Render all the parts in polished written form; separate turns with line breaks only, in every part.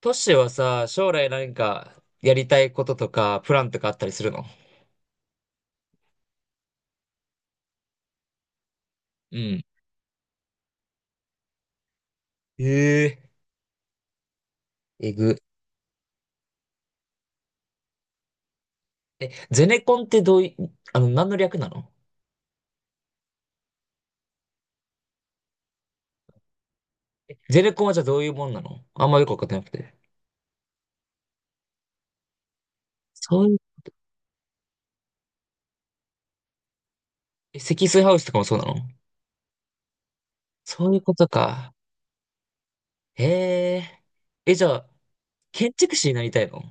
トシはさ、将来何かやりたいこととか、プランとかあったりするの？うん。ええ。えぐ。え、ゼネコンってどうい、あの、何の略なの？え、ゼネコンはじゃあどういうもんなの？あんまよくわかってなくて。そういう、え、積水ハウスとかもそうなの？そういうことか。へえ。え、じゃあ、建築士になりたいの？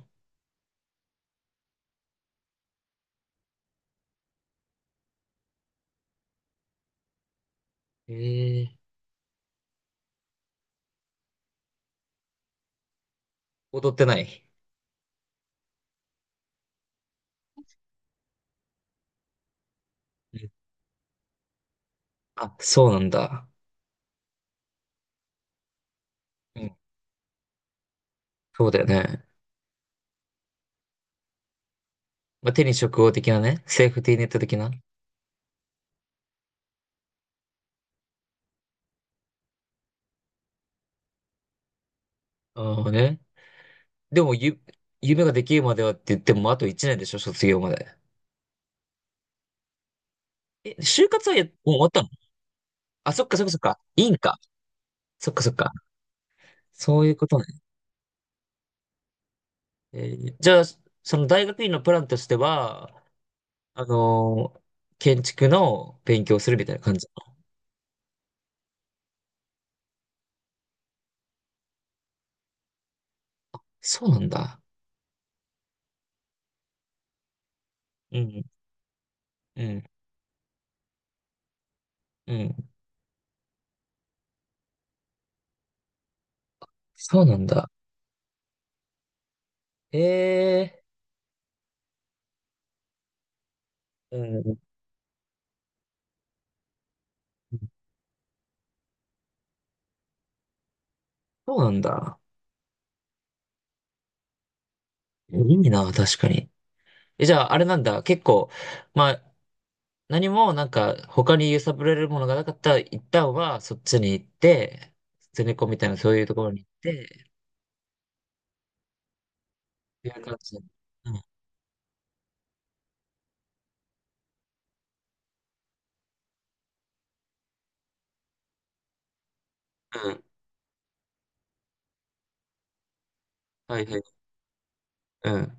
へえ。踊ってない？うん。あ、そうなんだ。うん。そうだよね。まあ、手に職業的なね。セーフティーネット的な。ああね。でもゆ、夢ができるまではって言っても、あと1年でしょ、卒業まで。え、就活はもう終わったの？あ、そっかそっかそっか。いいんか。そっかそっか。そういうことね。えじゃあ、その大学院のプランとしては、あのー建築の勉強をするみたいな感じ。そうなんだ。うん、うん、うん。そうなんだ。ええ、うん、そうなんだ。いいな、確かに。え、じゃあ、あれなんだ。結構、まあ、何もなんか他に揺さぶられるものがなかったら一旦はそっちに行って、ゼネコンみたいなそういうところに行って、っていう感じ。うん。うん。はいはい。うん。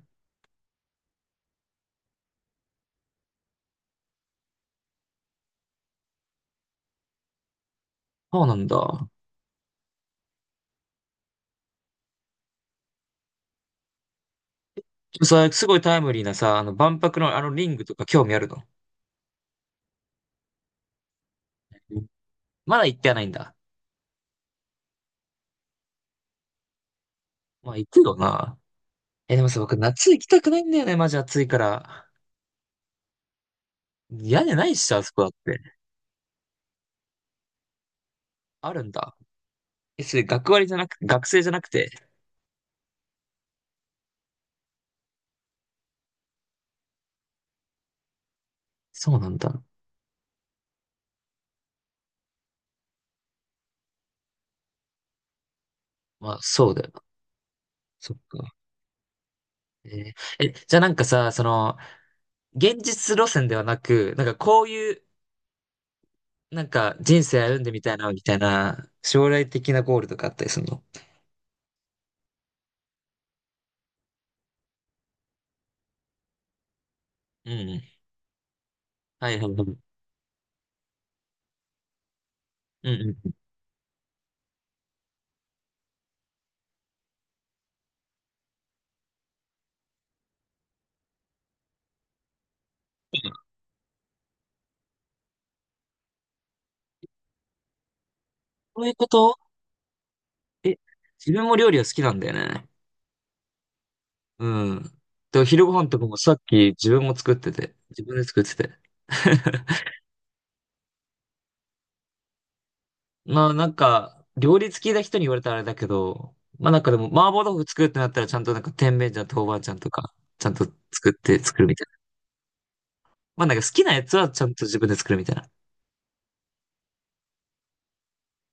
そうなんだ。すごいタイムリーなさ、あの万博のあのリングとか興味あるの？うん。まだ行ってはないんだ。まあ行くよな。え、でもさ、僕夏行きたくないんだよね、マジ暑いから。屋根ないっしょ、あそこだって。あるんだ。え、それ学割じゃなく、学生じゃなくて。そうなんだ。まあそうだよな。そっか。ええ、じゃあなんかさ、その、現実路線ではなく、なんかこういう、なんか人生歩んでみたいな、みたいな、将来的なゴールとかあったりするの？うん。はいはいはい。うんうん。そういうこと？え、自分も料理は好きなんだよね。うん。で、昼ご飯とかもさっき自分も作ってて、自分で作ってて。まあなんか、料理好きな人に言われたらあれだけど、まあなんかでも、麻婆豆腐作るってなったらちゃんとなんか甜麺醤豆板醤とか、ちゃんと作って作るみたいな。まあなんか好きなやつはちゃんと自分で作るみたいな。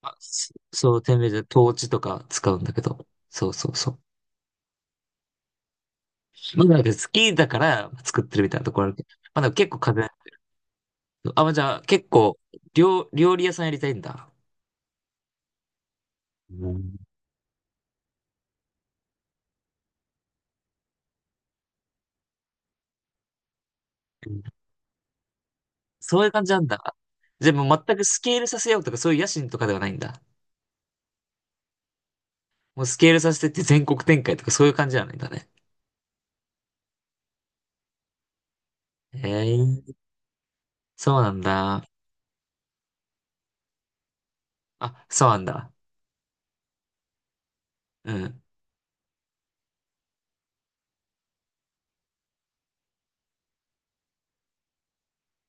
あ、そう、店名でトーチとか使うんだけど。そうそうそう。まあなんか好きだから作ってるみたいなところあるけど。まあでも結構風邪。あ、まあじゃあ結構料理屋さんやりたいんだ。うん。そういう感じなんだ。じゃあもう全くスケールさせようとかそういう野心とかではないんだ。もうスケールさせてって全国展開とかそういう感じじゃないんだね。へえ、そうなんだ。あ、そうなんだ。うん。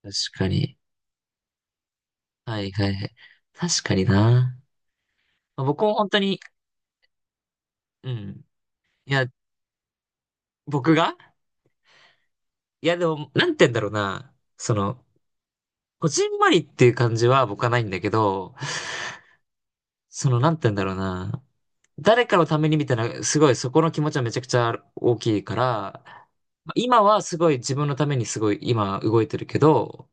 確かに。はいはいはい。確かにな。まあ僕も本当に、うん。いや、僕がいや、でも、なんて言うんだろうな。その、こじんまりっていう感じは僕はないんだけど、その、なんて言うんだろうな。誰かのためにみたいな、すごいそこの気持ちはめちゃくちゃ大きいから、まあ今はすごい自分のためにすごい今動いてるけど、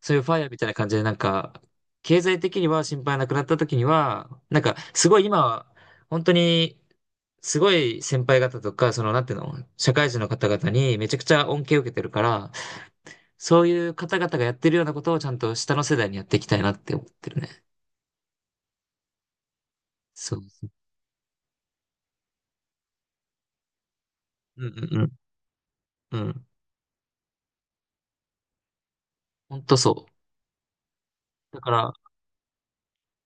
そういうファイヤーみたいな感じでなんか、経済的には心配なくなった時には、なんかすごい今は、本当に、すごい先輩方とか、その、なんていうの、社会人の方々にめちゃくちゃ恩恵を受けてるから、そういう方々がやってるようなことをちゃんと下の世代にやっていきたいなって思ってるね。そうそう。うんうんうん。うん。ほんとそう。だから、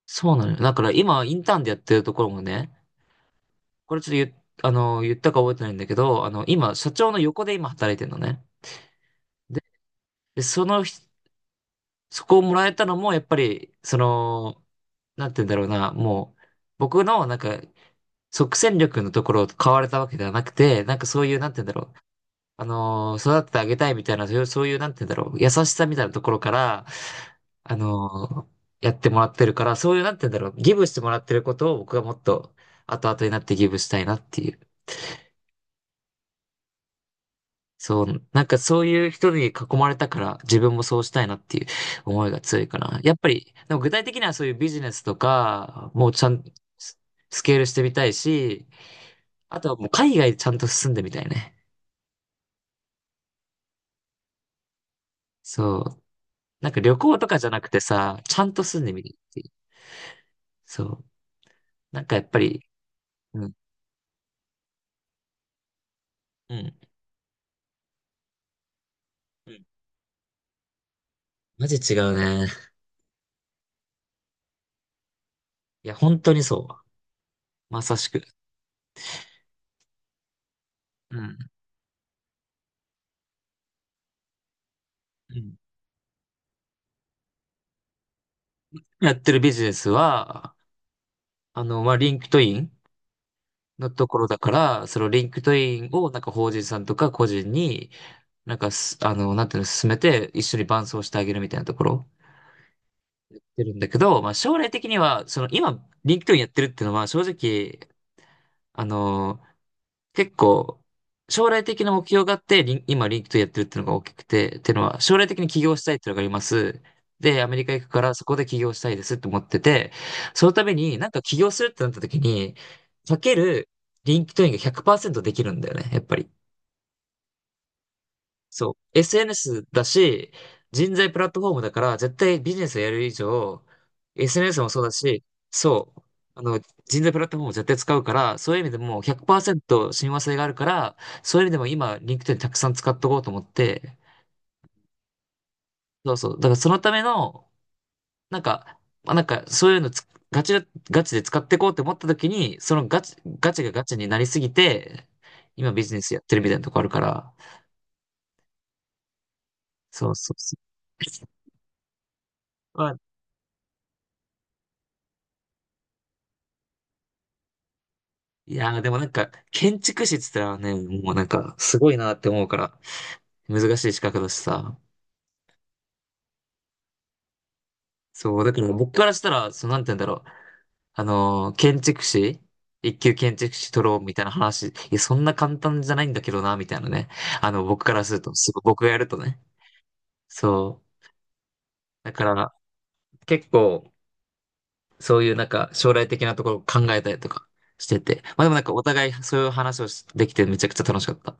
そうなのよ。だから今、インターンでやってるところもね、これちょっと言っ、あの、言ったか覚えてないんだけど、あの、今、社長の横で今働いてるのね。で、でそのひ、そこをもらえたのも、やっぱり、その、なんて言うんだろうな、もう、僕の、なんか、即戦力のところを買われたわけではなくて、なんかそういう、なんて言うんだろう、育ててあげたいみたいな、そういうなんて言うんだろう、優しさみたいなところから、あのーやってもらってるから、そういうなんて言うんだろう、ギブしてもらってることを僕がもっと後々になってギブしたいなっていう。そう、なんかそういう人に囲まれたから自分もそうしたいなっていう思いが強いかな。やっぱり、でも具体的にはそういうビジネスとか、もうちゃん、ススケールしてみたいし、あとはもう海外ちゃんと住んでみたいね。そう。なんか旅行とかじゃなくてさ、ちゃんと住んでみるっていう。そう。なんかやっぱり、うん、うん。うん。マジ違うね。いや、本当にそう。まさしく。うん。うん。やってるビジネスは、あの、まあ、リンクトインのところだから、そのリンクトインをなんか法人さんとか個人に、なんかす、あの、なんていうの、進めて一緒に伴走してあげるみたいなところやってるんだけど、まあ、将来的には、その今、リンクトインやってるっていうのは正直、あの、結構、将来的な目標があって、リンクトインやってるっていうのが大きくて、っていうのは、将来的に起業したいっていうのがあります。で、アメリカ行くから、そこで起業したいですって思ってて、そのために、なんか起業するってなった時に、かける、リンクトインが100%できるんだよね、やっぱり。そう、SNS だし、人材プラットフォームだから、絶対ビジネスをやる以上、SNS もそうだし、そう、あの、人材プラットフォームを絶対使うから、そういう意味でもう100%親和性があるから、そういう意味でも今、リンクトインたくさん使っとこうと思って、そうそう、だからそのための、なんか、まあ、なんか、そういうのつガチ、ガチで使っていこうと思った時に、そのガチ、ガチがガチになりすぎて、今ビジネスやってるみたいなとこあるから、そうそうそう。いやー、でもなんか、建築士って言ったらね、もうなんか、すごいなって思うから、難しい資格だしさ。そう、だから僕からしたら、その、なんて言うんだろう。あのー建築士一級建築士取ろうみたいな話、いや、そんな簡単じゃないんだけどな、みたいなね。あの、僕からすると、すごい、僕がやるとね。そう。だから、結構、そういうなんか、将来的なところを考えたりとかしてて。まあでもなんか、お互いそういう話をしできて、めちゃくちゃ楽しかった。